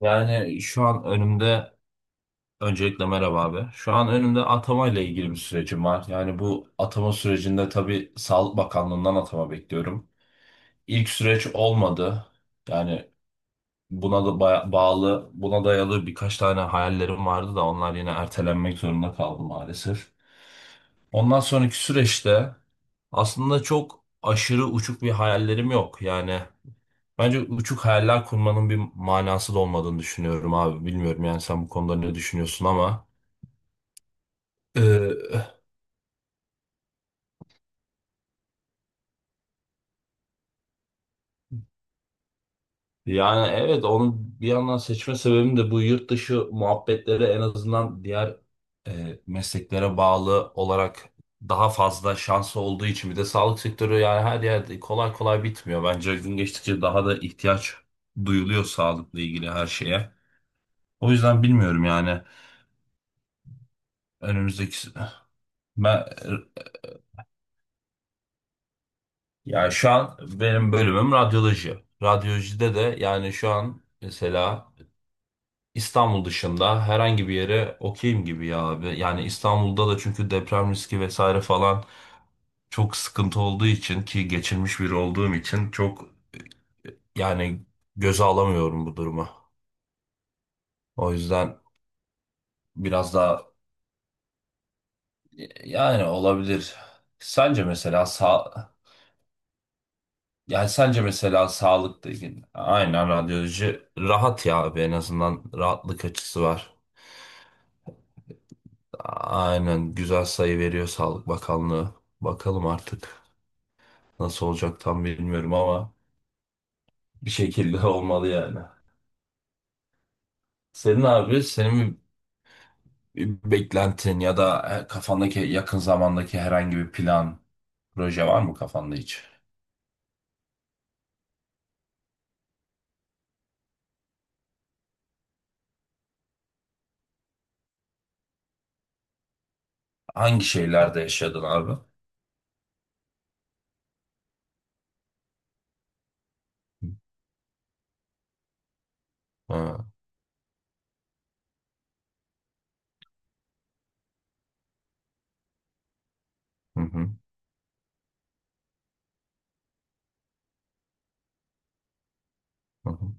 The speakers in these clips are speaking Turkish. Yani şu an önümde Öncelikle merhaba abi. Şu an önümde atama ile ilgili bir sürecim var. Yani bu atama sürecinde tabii Sağlık Bakanlığı'ndan atama bekliyorum. İlk süreç olmadı. Yani Buna da bağlı, buna dayalı birkaç tane hayallerim vardı da onlar yine ertelenmek zorunda kaldı maalesef. Ondan sonraki süreçte aslında çok aşırı uçuk bir hayallerim yok. Bence uçuk hayaller kurmanın bir manası da olmadığını düşünüyorum abi. Bilmiyorum yani sen bu konuda ne düşünüyorsun ama. Ee, Yani evet onu bir yandan seçme sebebim de bu yurt dışı muhabbetleri, en azından diğer mesleklere bağlı olarak daha fazla şansı olduğu için. Bir de sağlık sektörü yani her yerde kolay kolay bitmiyor. Bence gün geçtikçe daha da ihtiyaç duyuluyor sağlıkla ilgili her şeye. O yüzden bilmiyorum yani. Önümüzdeki ben Ya şu an benim bölümüm radyoloji. Radyolojide de yani şu an mesela İstanbul dışında herhangi bir yere okeyim gibi ya abi. Yani İstanbul'da da çünkü deprem riski vesaire falan çok sıkıntı olduğu için, ki geçirmiş biri olduğum için, çok yani göze alamıyorum bu durumu. O yüzden biraz daha yani olabilir. Sence mesela sağ Yani sence mesela sağlıkla ilgili aynen radyoloji rahat ya abi, en azından rahatlık açısı var. Aynen, güzel sayı veriyor Sağlık Bakanlığı. Bakalım artık nasıl olacak, tam bilmiyorum ama bir şekilde olmalı yani. Senin abi, senin bir beklentin ya da kafandaki yakın zamandaki herhangi bir plan, proje var mı kafanda hiç? Hangi şeylerde yaşadın abi? Ha, hı hı, hı hı.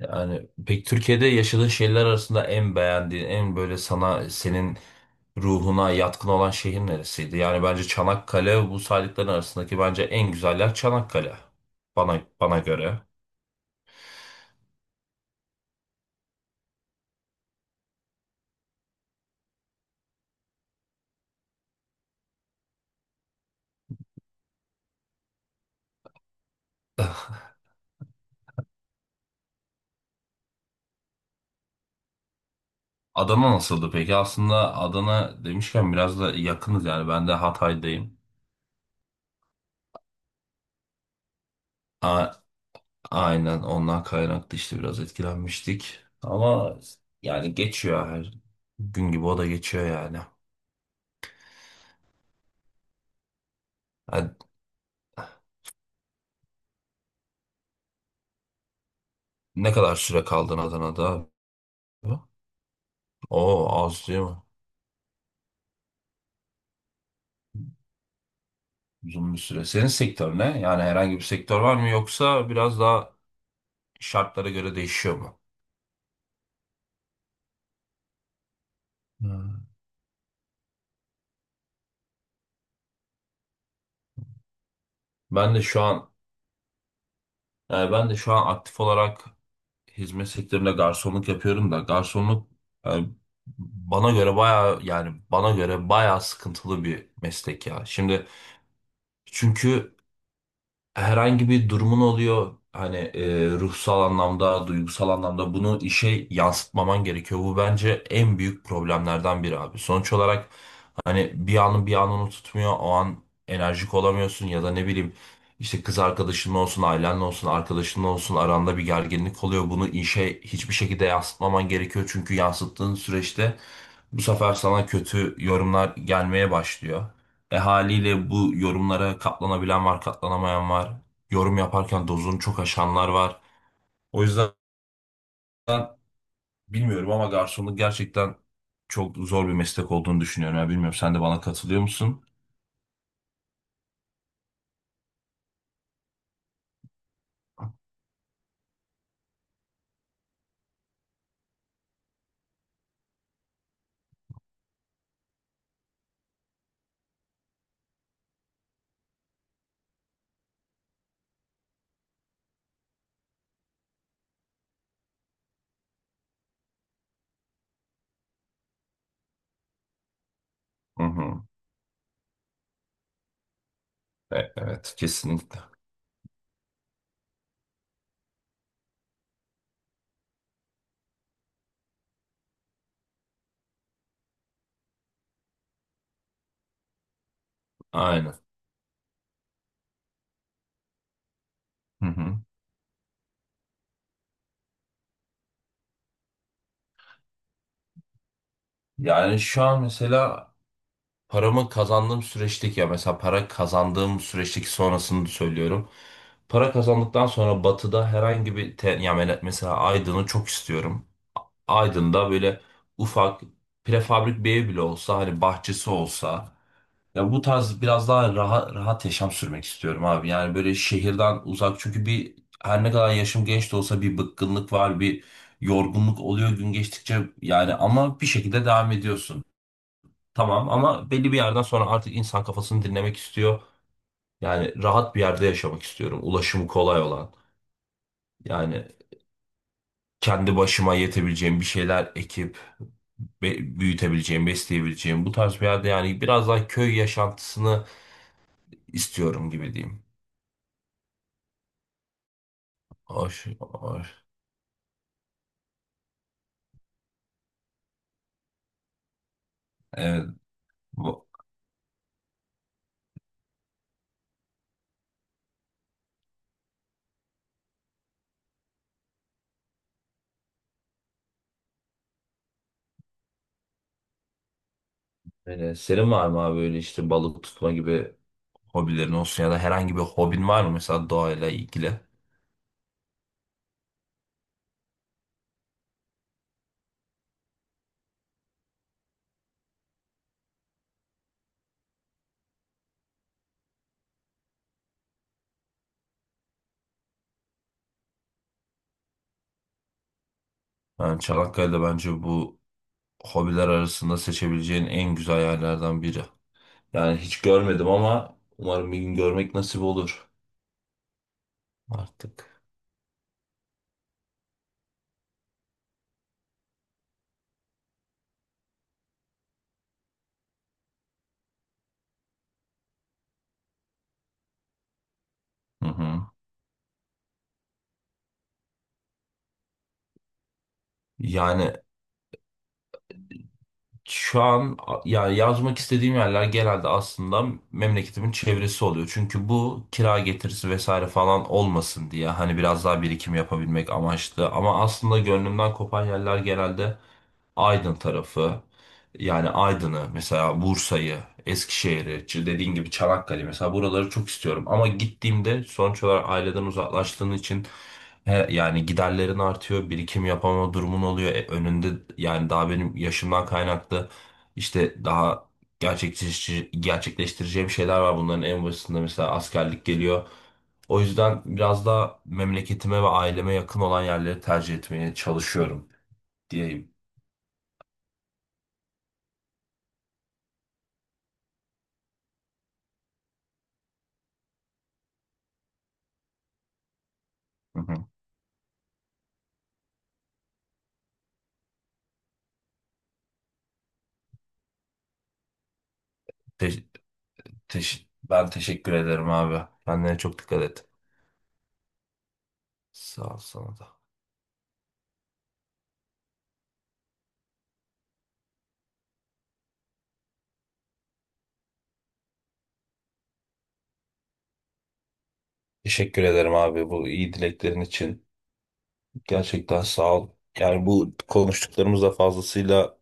Yani pek Türkiye'de yaşadığın şeyler arasında en beğendiğin, en böyle sana, senin ruhuna yatkın olan şehir neresiydi? Yani bence Çanakkale bu saydıkların arasındaki bence en güzel yer Çanakkale. Bana göre. Adana nasıldı peki? Aslında Adana demişken biraz da yakınız yani ben de Hatay'dayım. A aynen, ondan kaynaklı işte biraz etkilenmiştik. Ama yani geçiyor her gün gibi o da geçiyor yani. Yani ne kadar süre kaldın Adana'da? O az değil mi? Uzun bir süre. Senin sektör ne? Yani herhangi bir sektör var mı yoksa biraz daha şartlara göre değişiyor mu? Hmm. Ben de şu an Ben de şu an aktif olarak hizmet sektöründe garsonluk yapıyorum da garsonluk yani bana göre bayağı sıkıntılı bir meslek ya. Şimdi çünkü herhangi bir durumun oluyor hani, ruhsal anlamda, duygusal anlamda bunu işe yansıtmaman gerekiyor. Bu bence en büyük problemlerden biri abi. Sonuç olarak hani bir anın bir anını tutmuyor, o an enerjik olamıyorsun ya da ne bileyim işte kız arkadaşın olsun, ailenle olsun, arkadaşın olsun, aranda bir gerginlik oluyor. Bunu işe hiçbir şekilde yansıtmaman gerekiyor çünkü yansıttığın süreçte bu sefer sana kötü yorumlar gelmeye başlıyor. E haliyle bu yorumlara katlanabilen var, katlanamayan var. Yorum yaparken dozunu çok aşanlar var. O yüzden bilmiyorum ama garsonluk gerçekten çok zor bir meslek olduğunu düşünüyorum. Ya bilmiyorum, sen de bana katılıyor musun? Hı hı. Evet, kesinlikle. Aynen. Hı hı. Yani şu an mesela paramı kazandığım süreçteki ya Mesela para kazandığım süreçteki sonrasını söylüyorum. Para kazandıktan sonra Batı'da herhangi bir mesela Aydın'ı çok istiyorum. Aydın'da böyle ufak prefabrik bir ev bile olsa, hani bahçesi olsa, ya bu tarz biraz daha rahat, rahat yaşam sürmek istiyorum abi. Yani böyle şehirden uzak, çünkü bir, her ne kadar yaşım genç de olsa bir bıkkınlık var, bir yorgunluk oluyor gün geçtikçe yani, ama bir şekilde devam ediyorsun. Tamam ama belli bir yerden sonra artık insan kafasını dinlemek istiyor. Yani rahat bir yerde yaşamak istiyorum. Ulaşımı kolay olan. Yani kendi başıma yetebileceğim bir şeyler ekip büyütebileceğim, besleyebileceğim bu tarz bir yerde, yani biraz daha köy yaşantısını istiyorum gibi diyeyim. Hoş, hoş. Evet. Bu, öyle. Senin var mı abi böyle işte balık tutma gibi hobilerin olsun ya da herhangi bir hobin var mı mesela doğayla ilgili? Yani Çanakkale'de bence bu hobiler arasında seçebileceğin en güzel yerlerden biri. Yani hiç görmedim ama umarım bir gün görmek nasip olur artık. Hı hı. Yani Şu an a- yani Yazmak istediğim yerler genelde aslında memleketimin çevresi oluyor. Çünkü bu kira getirisi vesaire falan olmasın diye, hani biraz daha birikim yapabilmek amaçlı. Ama aslında gönlümden kopan yerler genelde Aydın tarafı. Yani Aydın'ı mesela, Bursa'yı, Eskişehir'i, dediğin gibi Çanakkale mesela, buraları çok istiyorum. Ama gittiğimde sonuç olarak aileden uzaklaştığın için, he, yani giderlerin artıyor, birikim yapamama durumun oluyor. E, önünde yani daha benim yaşımdan kaynaklı işte daha gerçekleştireceğim şeyler var. Bunların en başında mesela askerlik geliyor. O yüzden biraz daha memleketime ve aileme yakın olan yerleri tercih etmeye çalışıyorum diyeyim. Hı hı. Te- Ben teşekkür ederim abi. Kendine çok dikkat et. Sağ ol, sana da. Teşekkür ederim abi bu iyi dileklerin için. Gerçekten sağ ol. Yani bu konuştuklarımız da fazlasıyla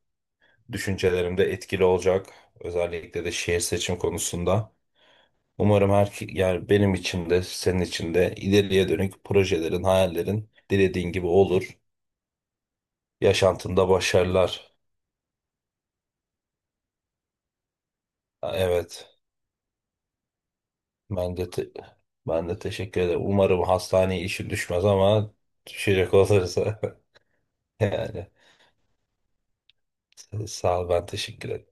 düşüncelerimde etkili olacak. Özellikle de şehir seçim konusunda. Umarım her, yani benim için de senin için de ileriye dönük projelerin, hayallerin dilediğin gibi olur. Yaşantında başarılar. Ha, evet. Ben de te- Ben de teşekkür ederim. Umarım hastaneye işin düşmez ama düşecek olursa yani sağ ol, ben teşekkür ederim.